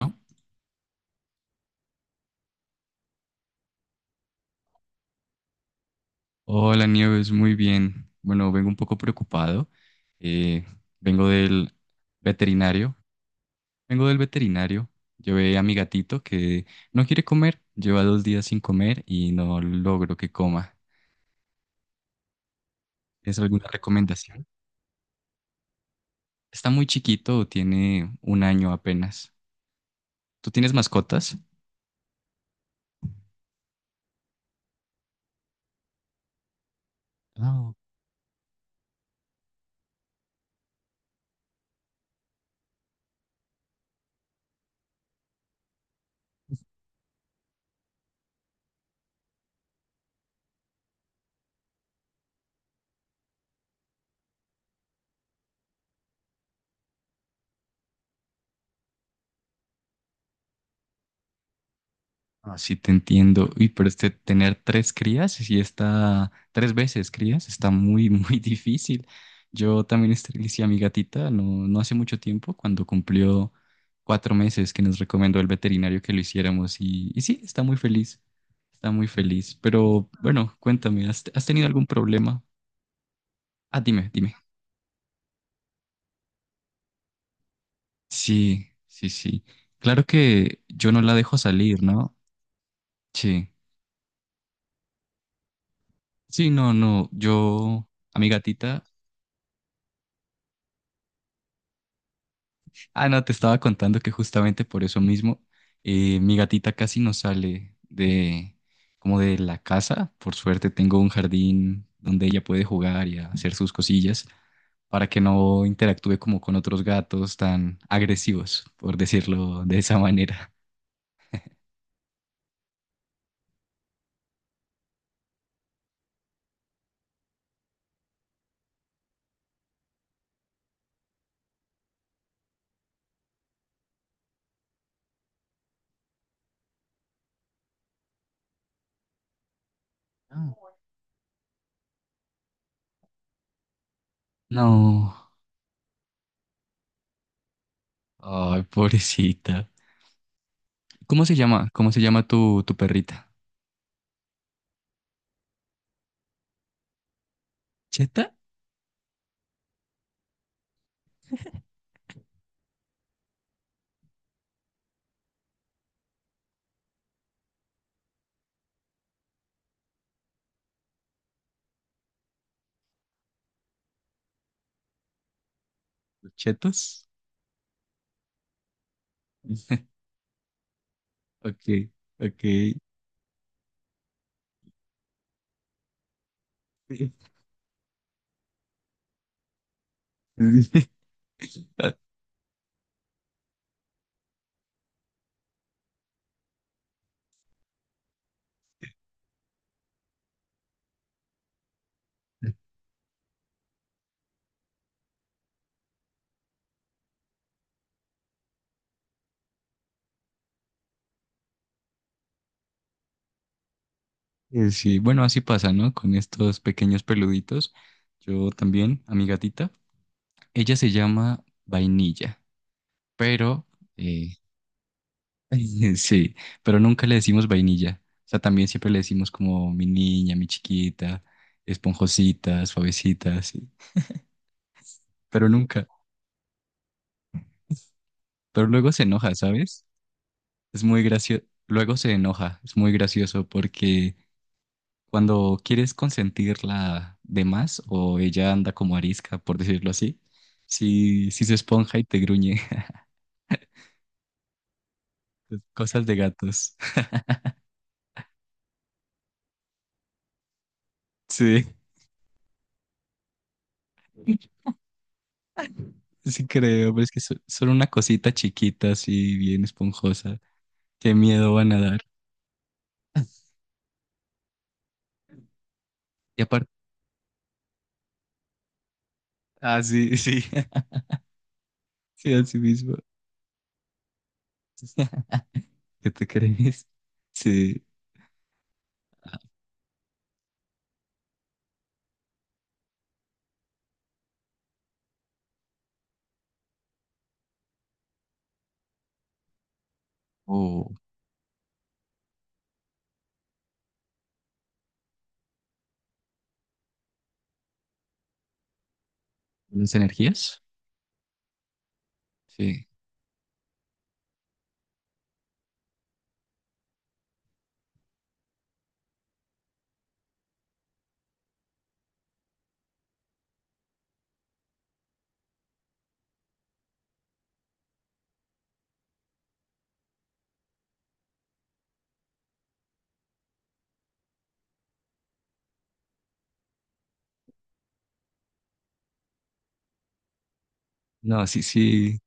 ¿No? Hola Nieves, muy bien. Bueno, vengo un poco preocupado. Eh, Vengo del veterinario. Vengo del veterinario. Llevé a mi gatito que no quiere comer. Lleva 2 días sin comer y no logro que coma. ¿Tienes alguna recomendación? Está muy chiquito, tiene un año apenas. ¿Tú tienes mascotas? Ah, Ah, sí, te entiendo. Uy, pero este tener tres crías y tres veces crías, está muy, muy difícil. Yo también esterilicé a mi gatita no, no hace mucho tiempo, cuando cumplió 4 meses que nos recomendó el veterinario que lo hiciéramos y sí, está muy feliz, está muy feliz. Pero bueno, cuéntame, ¿has tenido algún problema? Ah, dime, dime. Sí, sí, sí. Claro que yo no la dejo salir, ¿no? Sí. Sí, no, no. Yo, a mi gatita Ah, no, te estaba contando que justamente por eso mismo mi gatita casi no sale de como de la casa. Por suerte tengo un jardín donde ella puede jugar y hacer sus cosillas para que no interactúe como con otros gatos tan agresivos, por decirlo de esa manera. Ah. No, ay, pobrecita. ¿Cómo se llama? ¿Cómo se llama tu, perrita? ¿Cheta? ¿Chetos? Ok, ok. Sí, bueno, así pasa, ¿no? Con estos pequeños peluditos. Yo también, a mi gatita. Ella se llama Vainilla, pero eh, sí, pero nunca le decimos vainilla. O sea, también siempre le decimos como mi niña, mi chiquita, esponjosita, suavecita, sí. Pero nunca. Pero luego se enoja, ¿sabes? Es muy gracioso. Luego se enoja. Es muy gracioso porque cuando quieres consentirla de más o ella anda como arisca, por decirlo así, si se esponja y te gruñe. Cosas de gatos. Sí, sí creo, pero es que solo una cosita chiquita, así bien esponjosa. Qué miedo van a dar. Y aparte, ah, sí, sí, sí, así mismo. ¿Qué te crees? Sí. O las energías. Sí. No, sí, sí.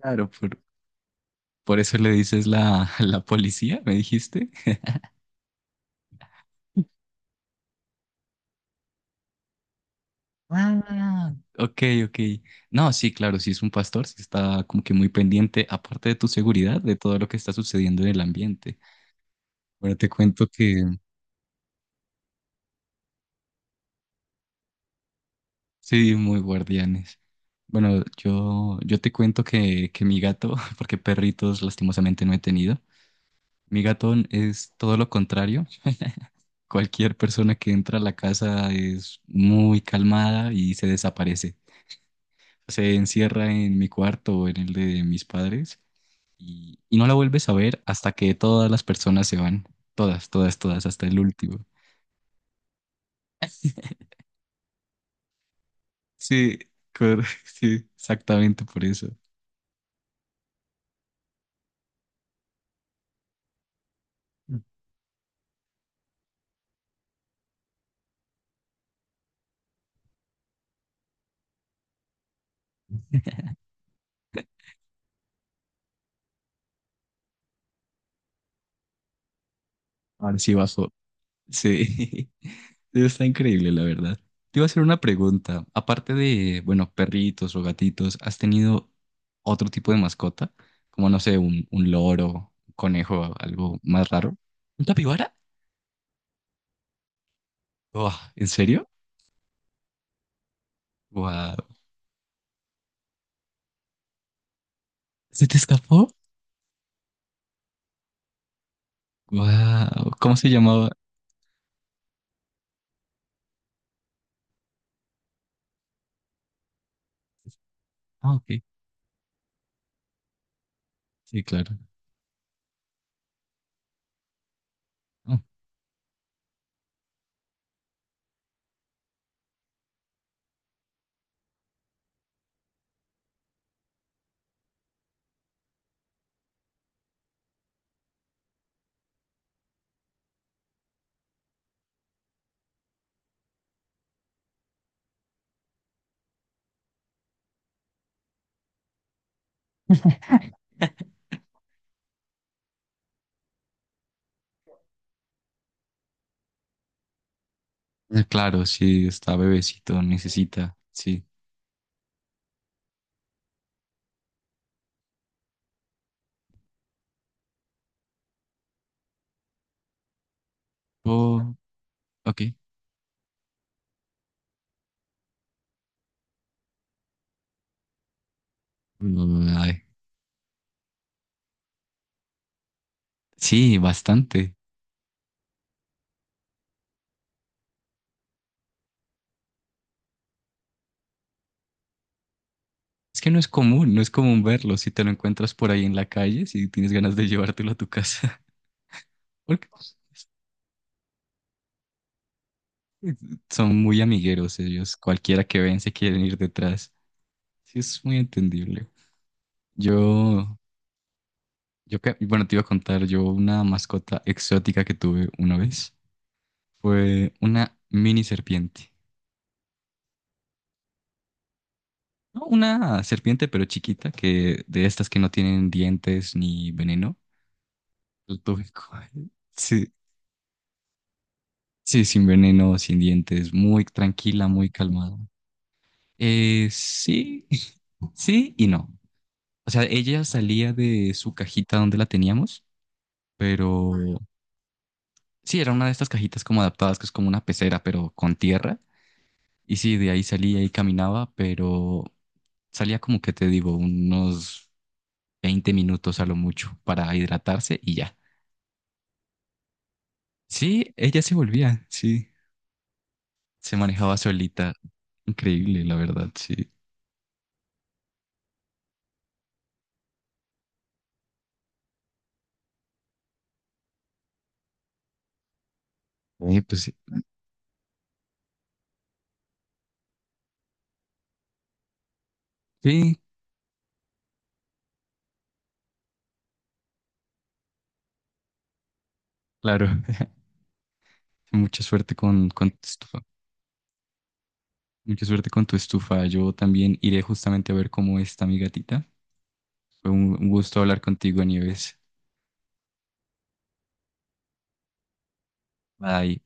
Claro, por eso le dices la, la policía, me dijiste. Ah, ok, ok. No, sí, claro, si es un pastor, sí está como que muy pendiente, aparte de tu seguridad, de todo lo que está sucediendo en el ambiente. Bueno, te cuento que sí, muy guardianes. Bueno, yo, te cuento que mi gato, porque perritos lastimosamente no he tenido, mi gato es todo lo contrario. Cualquier persona que entra a la casa es muy calmada y se desaparece. Se encierra en mi cuarto o en el de mis padres y no la vuelves a ver hasta que todas las personas se van. Todas, todas, todas, hasta el último. Sí, sí, exactamente por eso. Ahora sí bajo. Sí, está increíble, la verdad. Te iba a hacer una pregunta. Aparte de, bueno, perritos o gatitos, ¿has tenido otro tipo de mascota? Como, no sé, un, loro, un conejo, algo más raro. ¿Un capibara? Buah, ¿en serio? Wow. ¿Se te escapó? Wow. ¿Cómo se llamaba? Ah, ok. Sí, claro. Ah, claro, sí está bebecito, necesita, sí. Oh, ok. Mm, ay, sí, bastante. Es que no es común, no es común verlo. Si te lo encuentras por ahí en la calle, si tienes ganas de llevártelo a tu casa, porque son muy amigueros ellos. Cualquiera que ven se quieren ir detrás. Sí, es muy entendible. Yo, bueno, te iba a contar, yo una mascota exótica que tuve una vez fue una mini serpiente. No, una serpiente, pero chiquita, que de estas que no tienen dientes ni veneno. Lo tuve con- Sí, sí, sin veneno, sin dientes, muy tranquila, muy calmada. Sí, sí y no. O sea, ella salía de su cajita donde la teníamos, pero sí, era una de estas cajitas como adaptadas, que es como una pecera, pero con tierra. Y sí, de ahí salía y caminaba, pero salía como que te digo, unos 20 minutos a lo mucho para hidratarse y ya. Sí, ella se volvía, sí. Se manejaba solita. Increíble, la verdad, sí. Sí, pues sí. Sí, claro. Mucha suerte con, tu estufa. Mucha suerte con tu estufa. Yo también iré justamente a ver cómo está mi gatita. Fue un gusto hablar contigo, Nieves. Bye.